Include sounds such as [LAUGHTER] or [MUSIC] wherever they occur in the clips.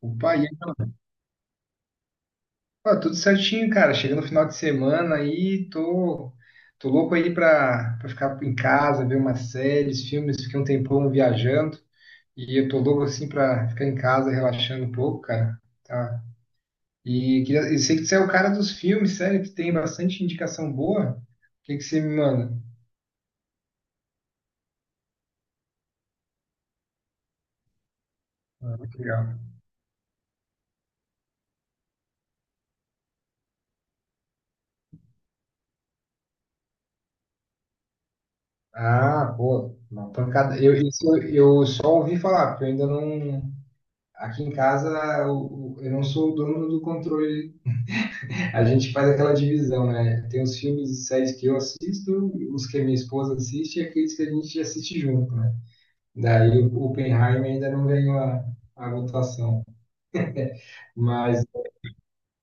Opa, e aí, ó, tudo certinho, cara. Chegando no final de semana aí, tô louco aí pra ficar em casa, ver umas séries, filmes. Fiquei um tempão viajando e eu tô louco assim pra ficar em casa relaxando um pouco, cara. Tá. E queria, eu sei que você é o cara dos filmes, sério, que tem bastante indicação boa. O que que você me manda? Ah, que legal. Ah, pô, uma pancada. Isso eu só ouvi falar, porque eu ainda não. Aqui em casa, eu não sou o dono do controle. A gente faz aquela divisão, né? Tem os filmes e séries que eu assisto, os que a minha esposa assiste e aqueles que a gente assiste junto, né? Daí o Oppenheimer ainda não ganhou a votação. Mas,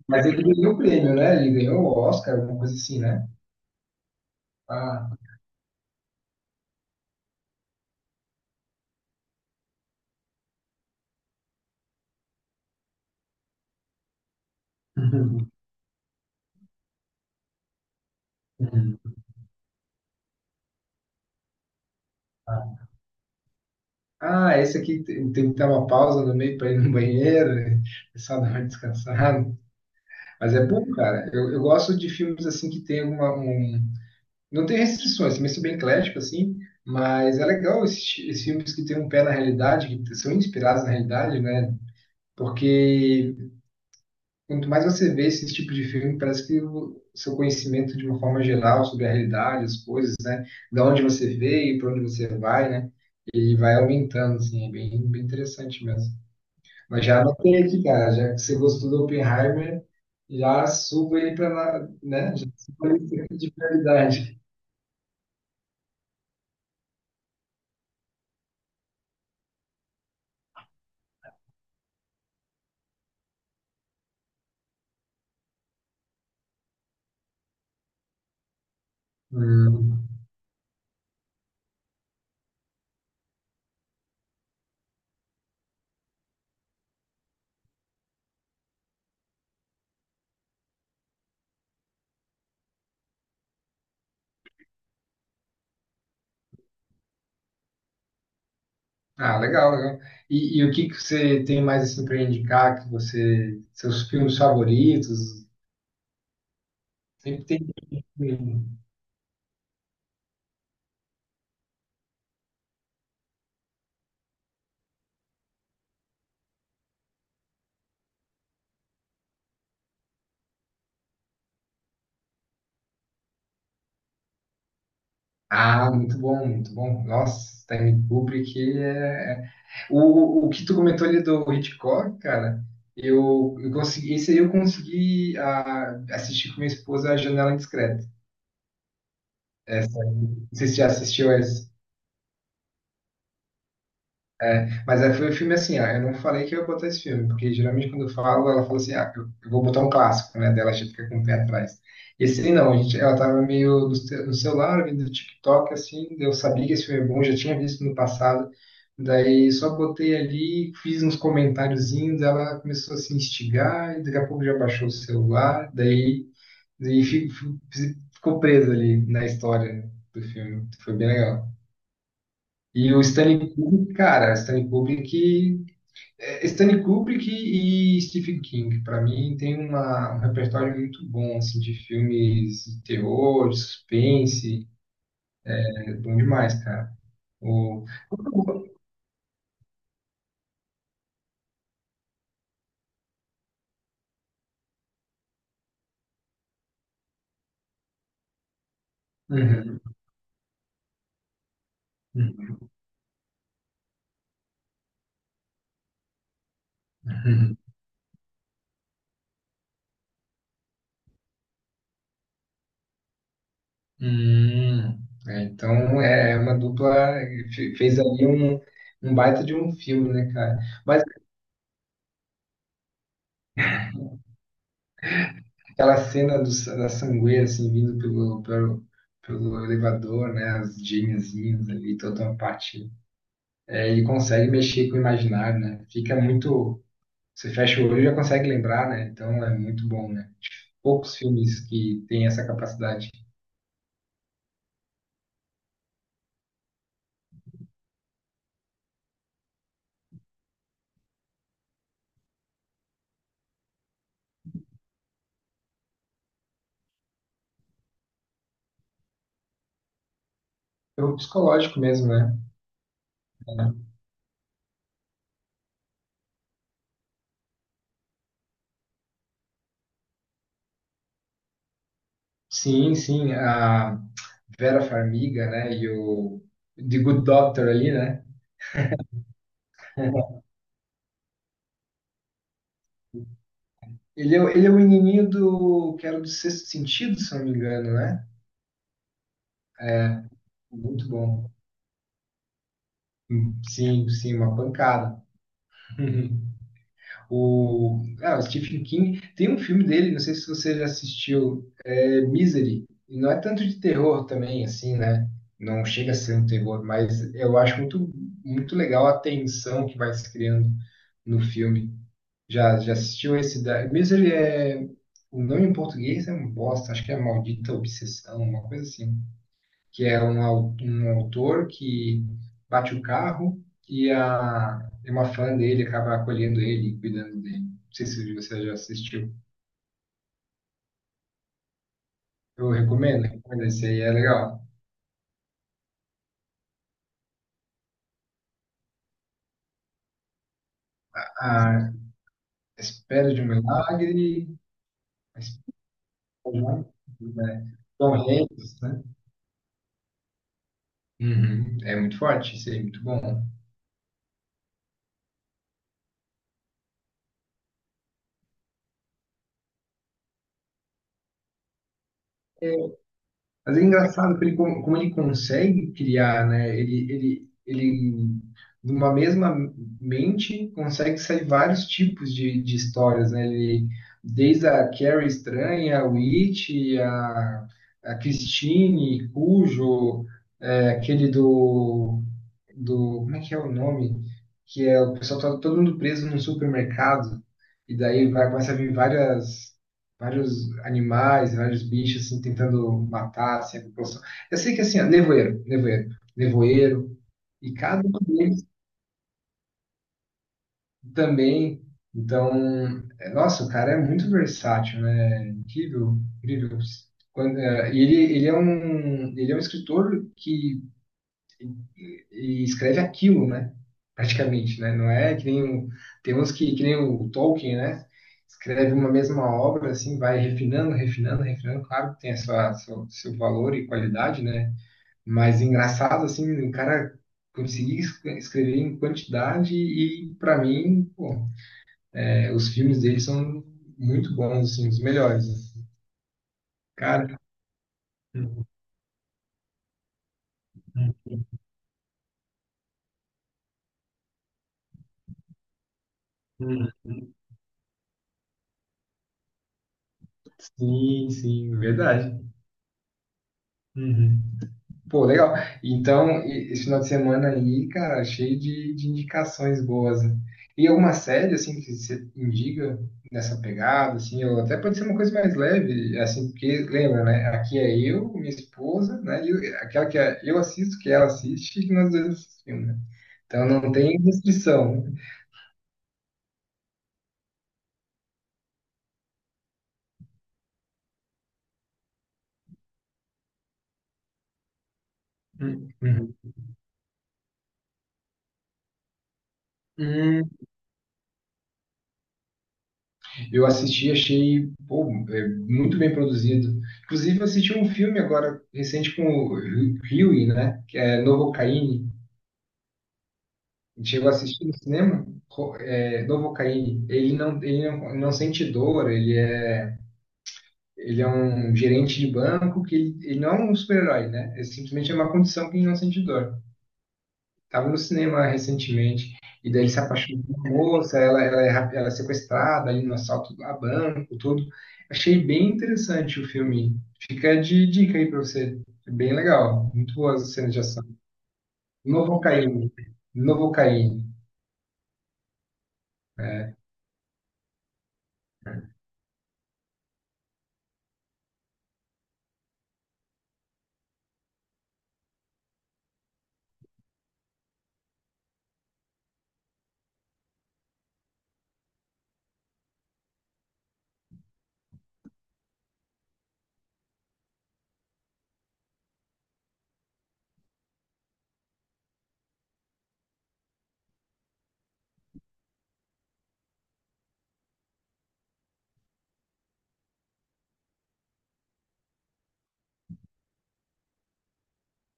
mas ele ganhou o prêmio, né? Ele ganhou o Oscar, alguma coisa assim, né? Ah, [LAUGHS] ah, esse aqui teve que dar uma pausa no meio para ir no banheiro, né? O pessoal dá uma descansada. Mas é bom, cara. Eu gosto de filmes assim que tem uma, não tem restrições, também sou bem eclético, assim, mas é legal esses, esses filmes que têm um pé na realidade, que são inspirados na realidade, né? Porque quanto mais você vê esse tipo de filme, parece que o seu conhecimento de uma forma geral sobre a realidade, as coisas, né? Da onde você veio, para onde você vai, né? Ele vai aumentando, assim, é bem, bem interessante mesmo. Mas já anotei aqui, cara, já que você gostou do Oppenheimer, já suba ele para, né? Já suba ele de prioridade. Hum. Ah, legal, legal. E o que que você tem mais assim para indicar que você, seus filmes favoritos? Sempre tem filme. Ah, muito bom, muito bom. Nossa, Stanley Kubrick é... é, o que tu comentou ali do Hitchcock, cara, eu consegui, esse aí eu consegui assistir com minha esposa A Janela Indiscreta. Essa, não sei se você já assistiu essa. Mas aí foi o filme assim, ó, eu não falei que eu ia botar esse filme, porque geralmente quando eu falo, ela fala assim, ah, eu vou botar um clássico, né? Dela a gente fica com o pé atrás. Esse aí não, a gente, ela tava meio no, no celular, vendo do TikTok, assim, eu sabia que esse filme é bom, já tinha visto no passado, daí só botei ali, fiz uns comentáriozinhos, ela começou a se instigar, e daqui a pouco já baixou o celular, daí, daí ficou presa ali na história do filme, foi bem legal. E o Stanley Kubrick, cara, o Stanley Kubrick é, Stanley Kubrick e Stephen King, para mim, tem um repertório muito bom assim, de filmes de terror, de suspense. É bom demais, cara. O... Uhum, uhum, uhum. É, então, é uma dupla fez ali um, um baita de um filme, né, cara? Mas aquela cena do, da sangueira, assim, vindo pelo, pelo, pelo elevador, né, as gêmeazinhas ali, toda uma parte é, e consegue mexer com o imaginário, né? Fica muito. Você fecha o olho e já consegue lembrar, né? Então é muito bom, né? Poucos filmes que têm essa capacidade. É o psicológico mesmo, né? Sim, sim. A Vera Farmiga, né? E o The Good Doctor ali, né? Ele é, ele é o menininho do. Que era do Sexto Sentido, se eu não me engano, né? Muito bom. Sim, sim, uma pancada. [LAUGHS] O, ah, o Stephen King tem um filme dele, não sei se você já assistiu, é, Misery, e não é tanto de terror também, assim, né? Não chega a ser um terror, mas eu acho muito, muito legal a tensão que vai se criando no filme. Já, já assistiu esse da... Misery é... O nome em português é um bosta, acho que é Maldita Obsessão, uma coisa assim. Que é um, um autor que bate o carro e a, e uma fã dele acaba acolhendo ele e cuidando dele. Não sei se você já assistiu. Eu recomendo, recomendo, esse aí é legal. A Espera de um milagre, mas- né? Tom Hanks, né? Uhum. É muito forte, isso aí, muito bom. Mas é engraçado que ele, como ele consegue criar, né? Numa mesma mente, consegue sair vários tipos de histórias, né? Ele, desde a Carrie Estranha, a Witch, a, a Christine, Cujo, é, aquele do, do... Como é que é o nome? Que é o pessoal tá todo mundo preso num supermercado. E daí vai, começa a vir várias, vários animais, vários bichos assim, tentando matar assim, a população. Eu sei que assim, ó, nevoeiro, e cada um deles também. Então, é, nossa, o cara é muito versátil, né? Incrível, incrível. Quando, é, e ele, ele é um escritor que e escreve aquilo, né? Praticamente, né? Não é que nem o, tem uns que nem o Tolkien, né? Escreve uma mesma obra, assim, vai refinando. Claro que tem a sua, seu, seu valor e qualidade, né? Mas engraçado, assim, o cara conseguir escrever em quantidade e, para mim, pô, é, os filmes dele são muito bons, assim, os melhores, né? Cara, Hum, hum. Sim, sim, verdade. Uhum. Pô, legal. Então, esse final de semana aí, cara, cheio de indicações boas, né? E alguma série, assim, que você indica nessa pegada, assim, ou até pode ser uma coisa mais leve, assim, porque, lembra, né? Aqui é eu, minha esposa, né? Aquela que é- eu assisto, que ela assiste, e que nós dois assistimos, né? Então não tem restrição. Hum. Uhum. Hum. Eu assisti, achei pô, é, muito bem produzido. Inclusive, eu assisti um filme agora recente com o Hughie, né? Que é Novocaine. Chegou a assistir no cinema? É, Novocaine. Ele não, não sente dor, ele é um gerente de banco que ele não é um super-herói, né? Ele simplesmente é uma condição que ele não sente dor. Tava no cinema recentemente, e daí ele se apaixonou por uma moça, ela, é, ela é sequestrada ali no assalto a banco, tudo. Achei bem interessante o filme. Fica de dica aí pra você. É bem legal. Muito boas as cenas de ação. Novocaine. Novocaine. É.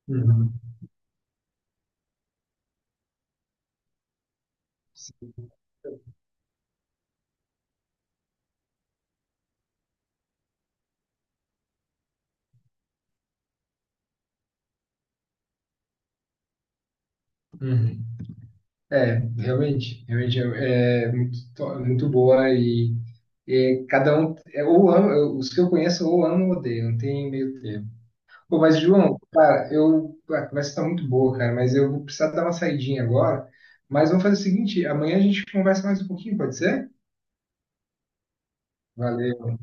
Uhum. Uhum. É, realmente, realmente é, é muito, muito boa e cada um, é, ou ama, os que eu conheço ou amo ou odeio, não tem meio termo. Pô, mas João, cara, a conversa tá muito boa, cara, mas eu vou precisar dar uma saidinha agora. Mas vamos fazer o seguinte, amanhã a gente conversa mais um pouquinho, pode ser? Valeu,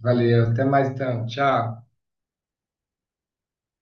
valeu, até mais então, tchau.